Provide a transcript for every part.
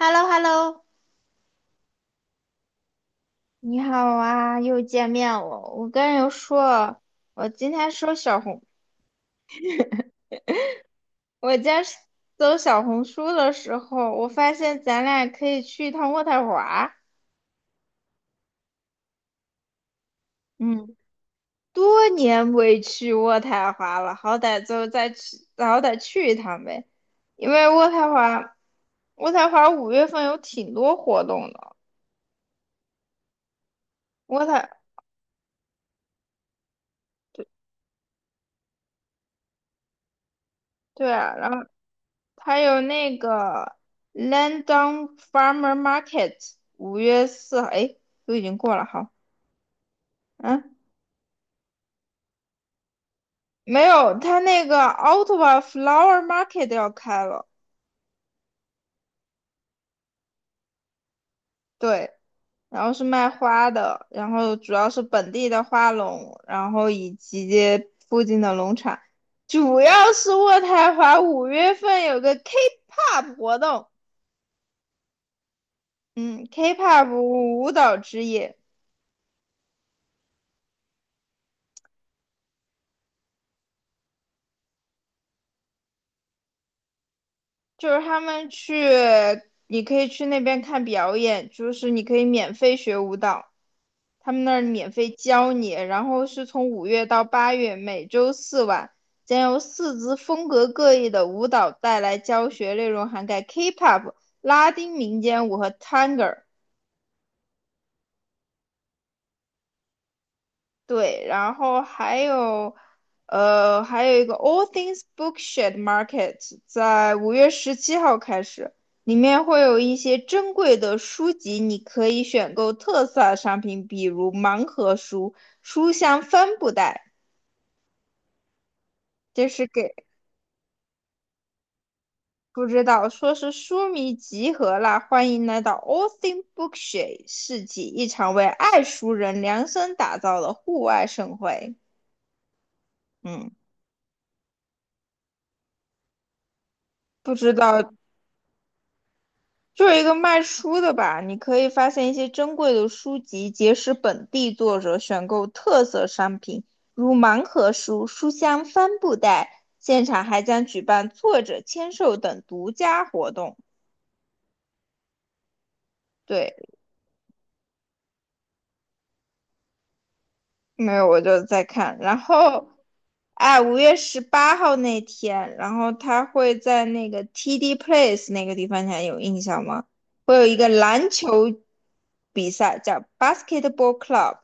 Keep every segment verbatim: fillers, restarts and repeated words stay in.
h e l l o h e l l o 你好啊，又见面了。我跟人说，我今天收小红，我今天搜小红书的时候，我发现咱俩可以去一趟渥太华。嗯，多年未去渥太华了，好歹就再去，好歹去一趟呗。因为渥太华，渥太华五月份有挺多活动的。渥太，对对啊，然后。还有那个 London Farmer Market，五月四号，哎，都已经过了，好，嗯。没有，他那个 Ottawa Flower Market 要开了。对，然后是卖花的，然后主要是本地的花农，然后以及附近的农场。主要是渥太华五月份有个 K-pop 活动，嗯，K-pop 舞蹈之夜。就是他们去，你可以去那边看表演，就是你可以免费学舞蹈，他们那儿免费教你。然后是从五月到八月，每周四晚，将由四支风格各异的舞蹈带来教学，内容涵盖 K-pop、拉丁民间舞和 t a n 探戈。对，然后还有，呃，还有一个 All Things Bookshed Market，在五月十七号开始，里面会有一些珍贵的书籍，你可以选购特色商品，比如盲盒书、书香帆布袋，这是给不知道说是书迷集合啦，欢迎来到 All Things Bookshed 市集，一场为爱书人量身打造的户外盛会。嗯，不知道。就是一个卖书的吧，你可以发现一些珍贵的书籍，结识本地作者，选购特色商品，如盲盒书、书香帆布袋。现场还将举办作者签售等独家活动。对，没有我就在看，然后，哎，五月十八号那天，然后他会在那个 T D Place 那个地方，你还有印象吗？会有一个篮球比赛，叫 Basketball Club。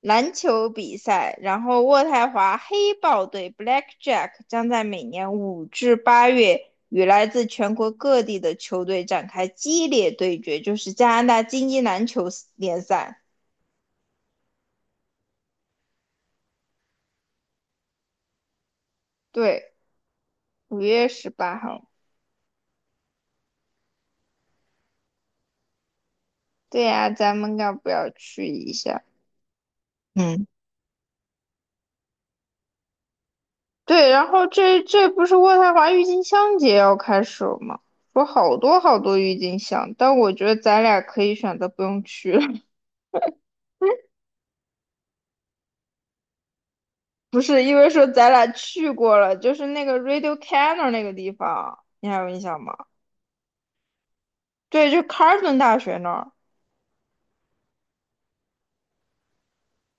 篮球比赛，然后渥太华黑豹队 （Blackjack） 将在每年五至八月与来自全国各地的球队展开激烈对决，就是加拿大精英篮球联赛。对，五月十八号。对呀、啊咱们要不要去一下？嗯，对，然后这这不是渥太华郁金香节要开始了吗？说好多好多郁金香，但我觉得咱俩可以选择不用去了。不是，因为说咱俩去过了，就是那个 Radio Cannon 那个地方，你还有印象吗？对，就 c a r l t o n 大学那儿，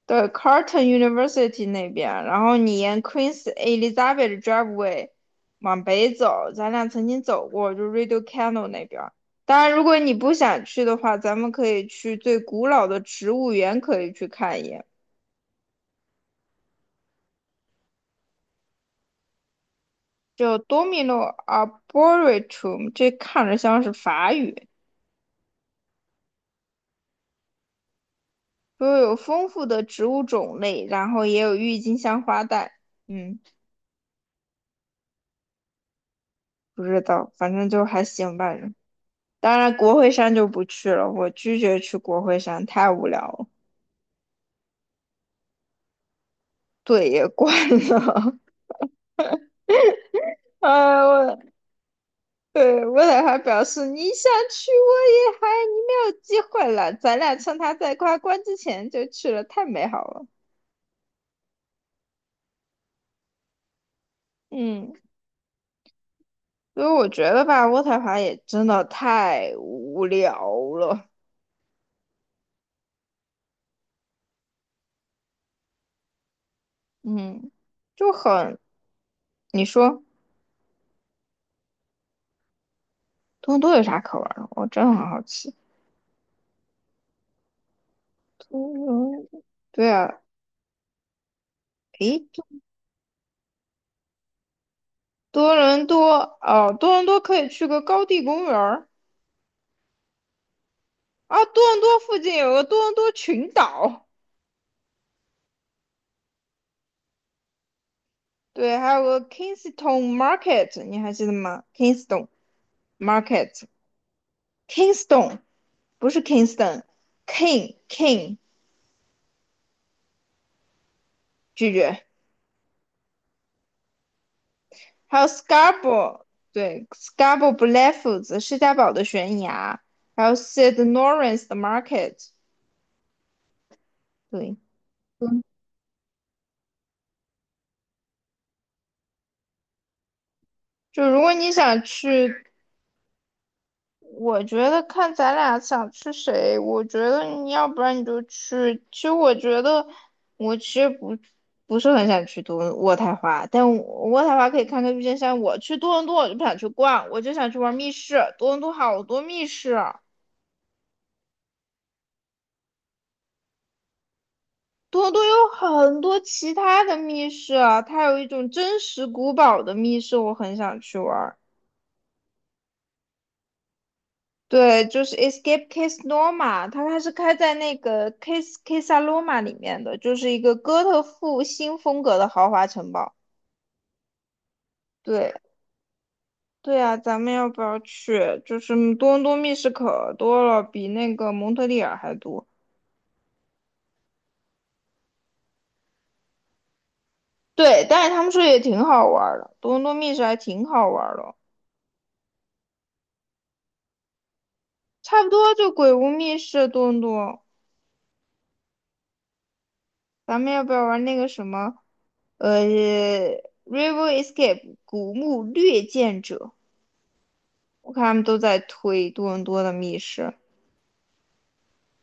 对 c a r l t o n University 那边，然后你沿 Queen Elizabeth Driveway 往北走，咱俩曾经走过，就 Radio Cannon 那边。当然，如果你不想去的话，咱们可以去最古老的植物园，可以去看一眼，就 Domino Arboretum，这看着像是法语。不过有丰富的植物种类，然后也有郁金香花带。嗯，不知道，反正就还行吧。当然，国会山就不去了，我拒绝去国会山，太无聊了，队也关了。啊，我对我俩还表示你想去，我也还你没有机会了，咱俩趁他在他关之前就去了，太美好了。嗯，所以我觉得吧，渥太华也真的太无聊了。嗯，就很，你说。多伦多有啥可玩的？我真的很好奇。多伦，对啊，诶，多伦多哦，多伦多可以去个高地公园儿啊。多伦多附近有个多伦多群岛，对，还有个 Kingston Market，你还记得吗？Kingston Market，Kingston 不是 Kingston，King King 拒绝。还有 Scarborough，对，Scarborough Bluffs 施嘉堡的悬崖，还有 Sid n o r n c e 的 Market，对。就如果你想去，我觉得看咱俩想去谁，我觉得你要不然你就去。其实我觉得我其实不不是很想去多卧太华，但渥渥太华可以看看郁金香。我去多伦多我就不想去逛，我就想去玩密室。多伦多好多密室，多伦多有很多其他的密室啊，它有一种真实古堡的密室，我很想去玩。对，就是 Escape Case Norma，它它是开在那个 Case Casa Loma 里面的，就是一个哥特复兴风格的豪华城堡。对，对啊，咱们要不要去？就是多伦多密室可多了，比那个蒙特利尔还多。对，但是他们说也挺好玩儿的，多伦多密室还挺好玩儿的，差不多就鬼屋密室多伦多。咱们要不要玩那个什么，呃，River Escape 古墓掠剑者？我看他们都在推多伦多的密室，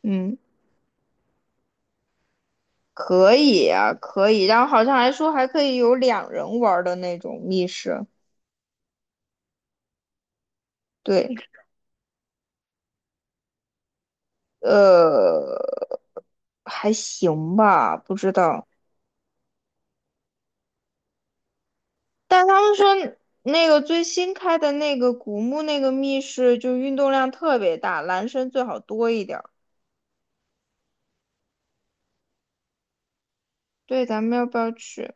嗯，可以啊，可以。然后好像还说还可以有两人玩儿的那种密室，对，呃，还行吧，不知道。但他们说那个最新开的那个古墓那个密室，就运动量特别大，男生最好多一点儿。对，咱们要不要去？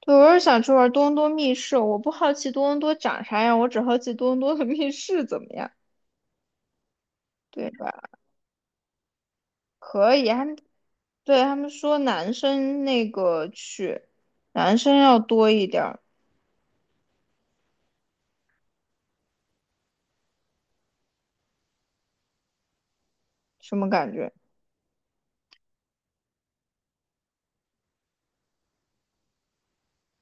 对，我是想去玩多伦多密室，我不好奇多伦多长啥样，我只好奇多伦多的 密室怎么样。对吧？可以，他们对他们说男生那个去，男生要多一点儿，什么感觉？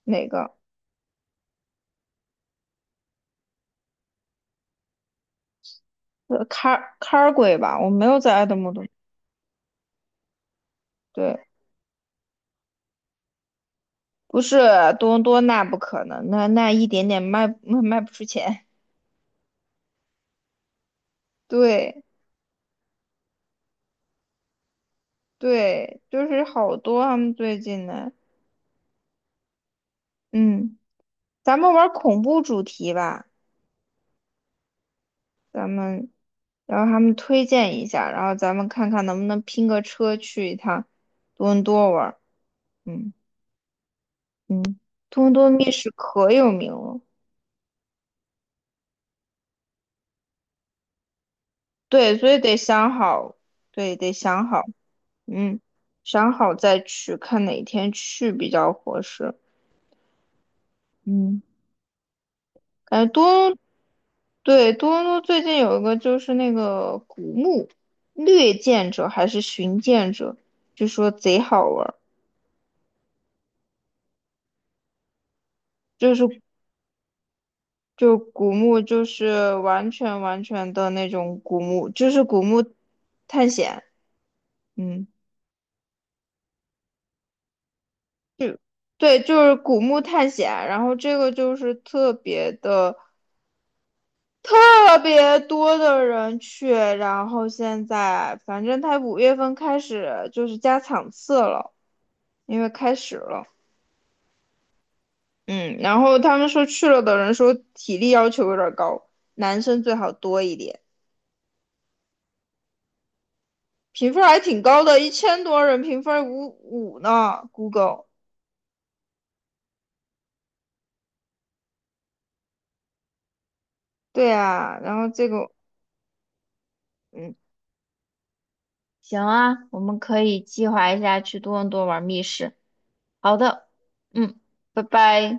哪个？呃，c car a r 鬼吧，我没有在爱德蒙多，对，不是多伦多，那不可能，那那一点点卖卖 卖不出钱。对对，就是好多他们最近的，嗯，咱们玩恐怖主题吧，然后他们推荐一下，然后咱们看看能不能拼个车去一趟多伦多玩儿，嗯。嗯，多伦多密室可有名了。对，所以得想好，对，得想好，嗯，想好再去，看哪天去比较合适。嗯，感觉多，对，多伦多最近有一个就是那个古墓掠剑者还是寻剑者，据说贼好玩儿，就是就古墓就是完全完全的那种古墓，就是古墓探险。嗯。对，就是古墓探险，然后这个就是特别的特别多的人去，然后现在反正他五月份开始就是加场次了，因为开始了，嗯，然后他们说去了的人说体力要求有点高，男生最好多一点，评分还挺高的，一千多人评分五五呢，Google，对啊，然后这个。嗯。行啊，我们可以计划一下去多伦多玩密室。好的，嗯，拜拜。